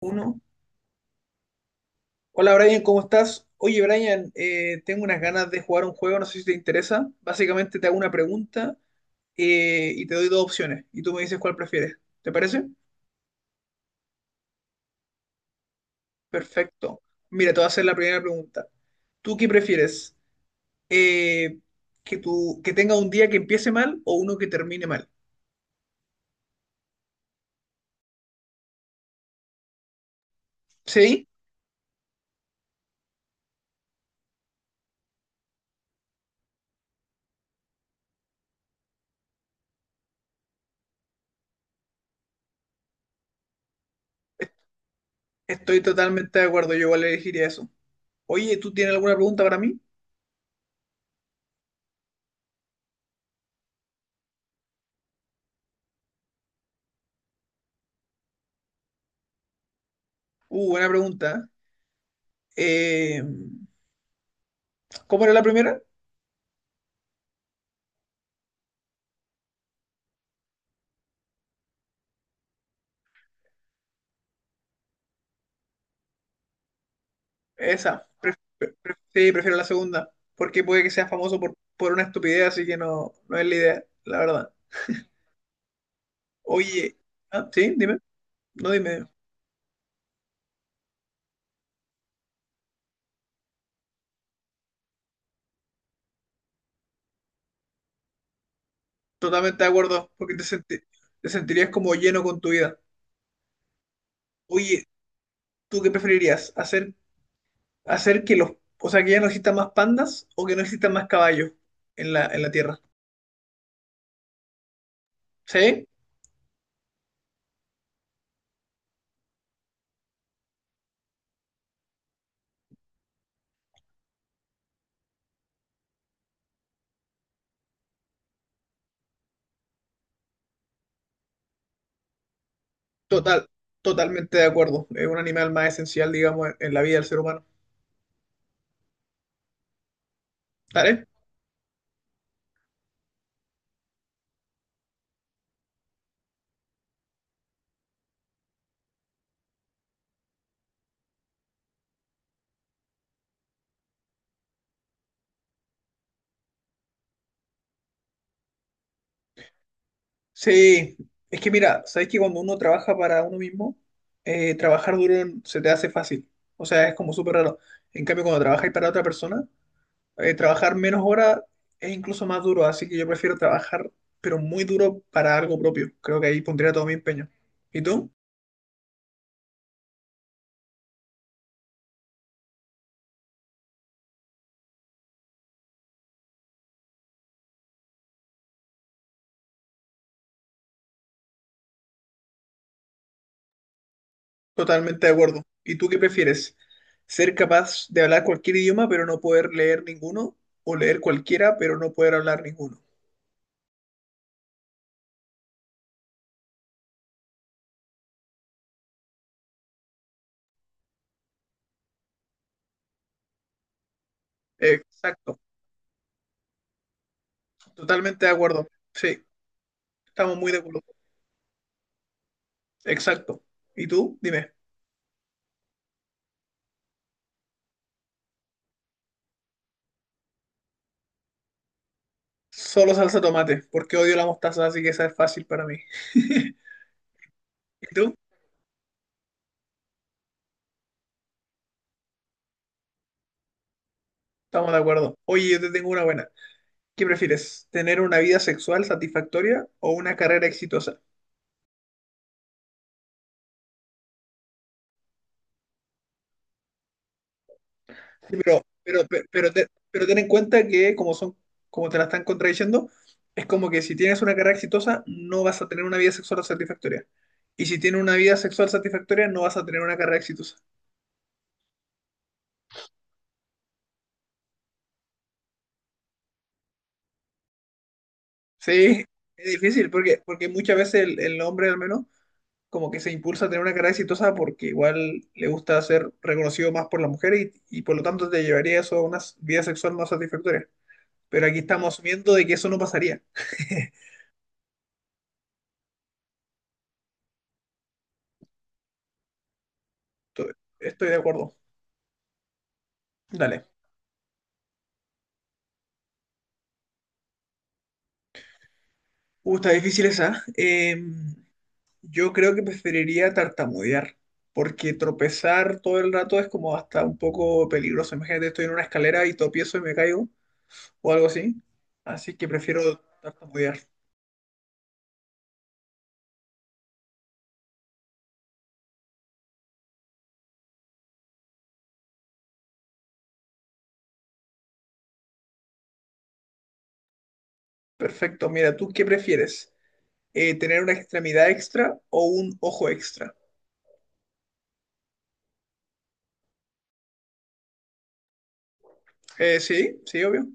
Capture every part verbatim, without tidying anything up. Uno. Hola Brian, ¿cómo estás? Oye Brian, eh, tengo unas ganas de jugar un juego, no sé si te interesa. Básicamente te hago una pregunta eh, y te doy dos opciones y tú me dices cuál prefieres. ¿Te parece? Perfecto. Mira, te voy a hacer la primera pregunta. ¿Tú qué prefieres? Eh, ¿que tu- que tenga un día que empiece mal o uno que termine mal? Sí, estoy totalmente de acuerdo, yo igual elegiría eso. Oye, ¿tú tienes alguna pregunta para mí? Uh, buena pregunta. Eh, Eh, ¿cómo era la primera? Esa, pref- pre- pre- sí, prefiero la segunda, porque puede que sea famoso por, por una estupidez, así que no, no es la idea, la verdad. Oye, ah, ¿sí? Dime, no dime, totalmente de acuerdo, porque te, senti- te sentirías como lleno con tu vida. Oye, ¿tú qué preferirías? ¿Hacer, hacer que los, o sea, que ya no existan más pandas o que no existan más caballos en la, en la Tierra? ¿Sí? Total, totalmente de acuerdo, es un animal más esencial, digamos, en, en la vida del ser humano. ¿Vale? Sí, es que mira, sabes que cuando uno trabaja para uno mismo, eh, trabajar duro se te hace fácil. O sea, es como súper raro. En cambio, cuando trabajas para otra persona, eh, trabajar menos horas es incluso más duro. Así que yo prefiero trabajar, pero muy duro para algo propio. Creo que ahí pondría todo mi empeño. ¿Y tú? Totalmente de acuerdo. ¿Y tú qué prefieres? ¿Ser capaz de hablar cualquier idioma, pero no poder leer ninguno? ¿O leer cualquiera, pero no poder hablar ninguno? Exacto. Totalmente de acuerdo. Sí, estamos muy de acuerdo. Exacto. ¿Y tú? Dime. Solo salsa tomate, porque odio la mostaza, así que esa es fácil para mí. ¿Y tú? Estamos de acuerdo. Oye, yo te tengo una buena. ¿Qué prefieres? ¿Tener una vida sexual satisfactoria o una carrera exitosa? Sí, Pero, pero, pe- pero, te- pero ten en cuenta que como son, como te la están contradiciendo, es como que si tienes una carrera exitosa, no vas a tener una vida sexual satisfactoria. Y si tienes una vida sexual satisfactoria, no vas a tener una carrera exitosa. Sí, es difícil porque, porque muchas veces el, el hombre al menos como que se impulsa a tener una carrera exitosa porque igual le gusta ser reconocido más por las mujeres y, y por lo tanto te llevaría eso a una s- vida sexual más satisfactoria. Pero aquí estamos asumiendo de que eso no pasaría. Estoy, estoy de acuerdo. Dale. Uh, está difícil esa. Eh, yo creo que preferiría tartamudear, porque tropezar todo el rato es como hasta un poco peligroso. Imagínate, estoy en una escalera y tropiezo y me caigo o algo así. Así que prefiero tartamudear. Perfecto. Mira, ¿tú qué prefieres? eh, tener una extremidad extra o un ojo extra. Eh, sí, sí, obvio.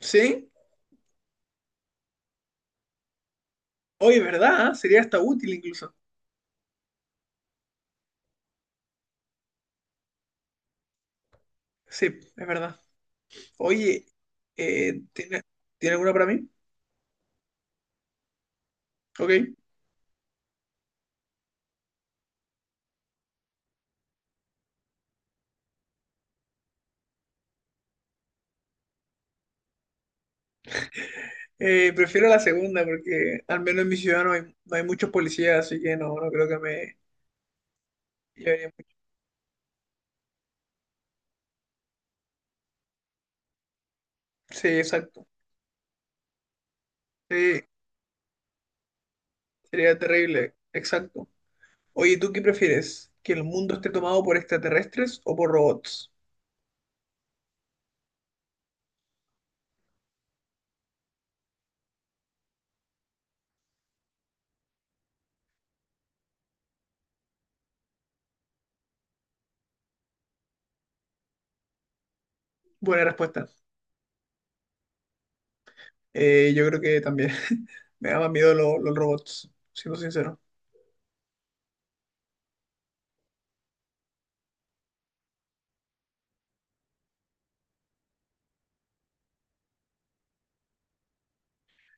Sí, oye, ¿verdad? ¿Eh? Sería hasta útil incluso. Sí, es verdad. Oye, eh, ¿tiene, ¿tiene alguna para mí? Ok. Eh, prefiero la segunda porque al menos en mi ciudad no hay, no hay muchos policías, así que no, no creo que me llevaría mucho. Sí, exacto. Sí, sería terrible. Exacto. Oye, ¿tú qué prefieres? ¿Que el mundo esté tomado por extraterrestres o por robots? Buena respuesta. Eh, yo creo que también me da más miedo lo- los robots, siendo sincero.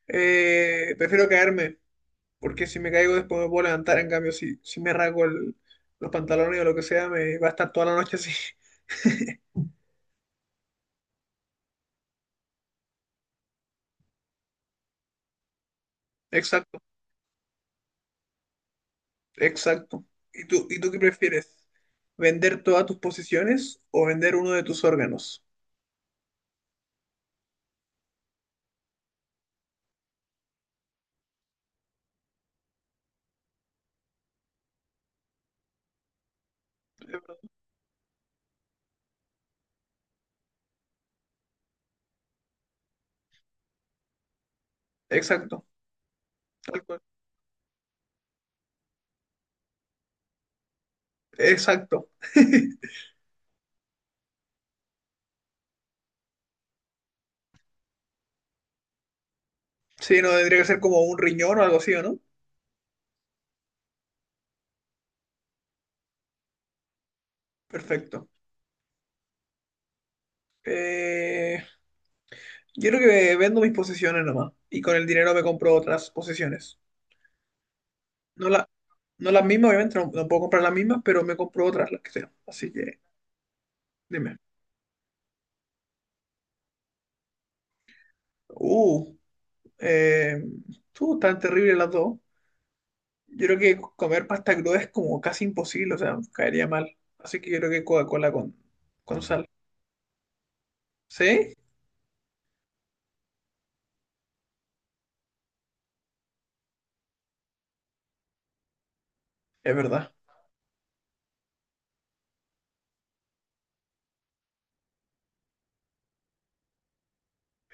Eh, prefiero caerme, porque si me caigo después me puedo levantar. En cambio, si, si me rasgo el- los pantalones o lo que sea, me va a estar toda la noche así. Exacto, exacto. ¿Y tú, ¿y tú qué prefieres? ¿Vender todas tus posiciones o vender uno de tus órganos? Exacto, tal cual. Exacto. Sí, no, tendría que ser como un riñón o algo así, ¿o no? Perfecto. Eh, Yo creo que vendo mis posesiones nomás y con el dinero me compro otras posesiones. No, la, no las mismas, obviamente, no, no puedo comprar las mismas, pero me compro otras, las que sean. Así que, dime. Uh, eh, tú, tan terrible las dos. Yo creo que comer pasta cruda es como casi imposible, o sea, caería mal. Así que yo creo que Coca-Cola con, con sal. ¿Sí? Es verdad.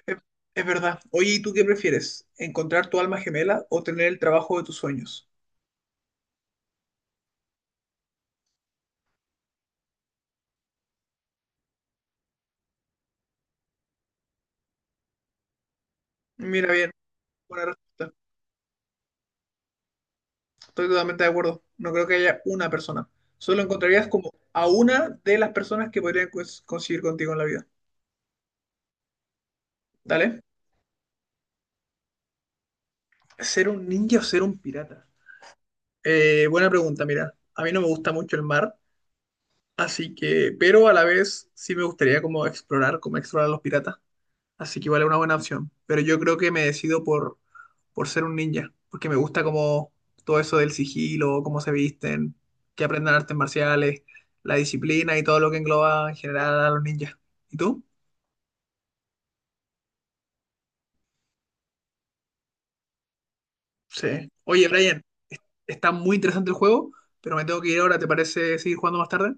Es, es verdad. Oye, ¿y tú qué prefieres? ¿Encontrar tu alma gemela o tener el trabajo de tus sueños? Mira bien, buena respuesta. Estoy totalmente de acuerdo. No creo que haya una persona. Solo encontrarías como a una de las personas que podrían cons- conseguir contigo en la vida. ¿Dale? ¿Ser un ninja o ser un pirata? Eh, buena pregunta, mira. A mí no me gusta mucho el mar, así que, pero a la vez sí me gustaría como explorar, como explorar a los piratas. Así que vale una buena opción. Pero yo creo que me decido por por ser un ninja, porque me gusta como todo eso del sigilo, cómo se visten, que aprendan artes marciales, la disciplina y todo lo que engloba en general a los ninjas. ¿Y tú? Sí. Oye, Brian, está muy interesante el juego, pero me tengo que ir ahora, ¿te parece seguir jugando más tarde?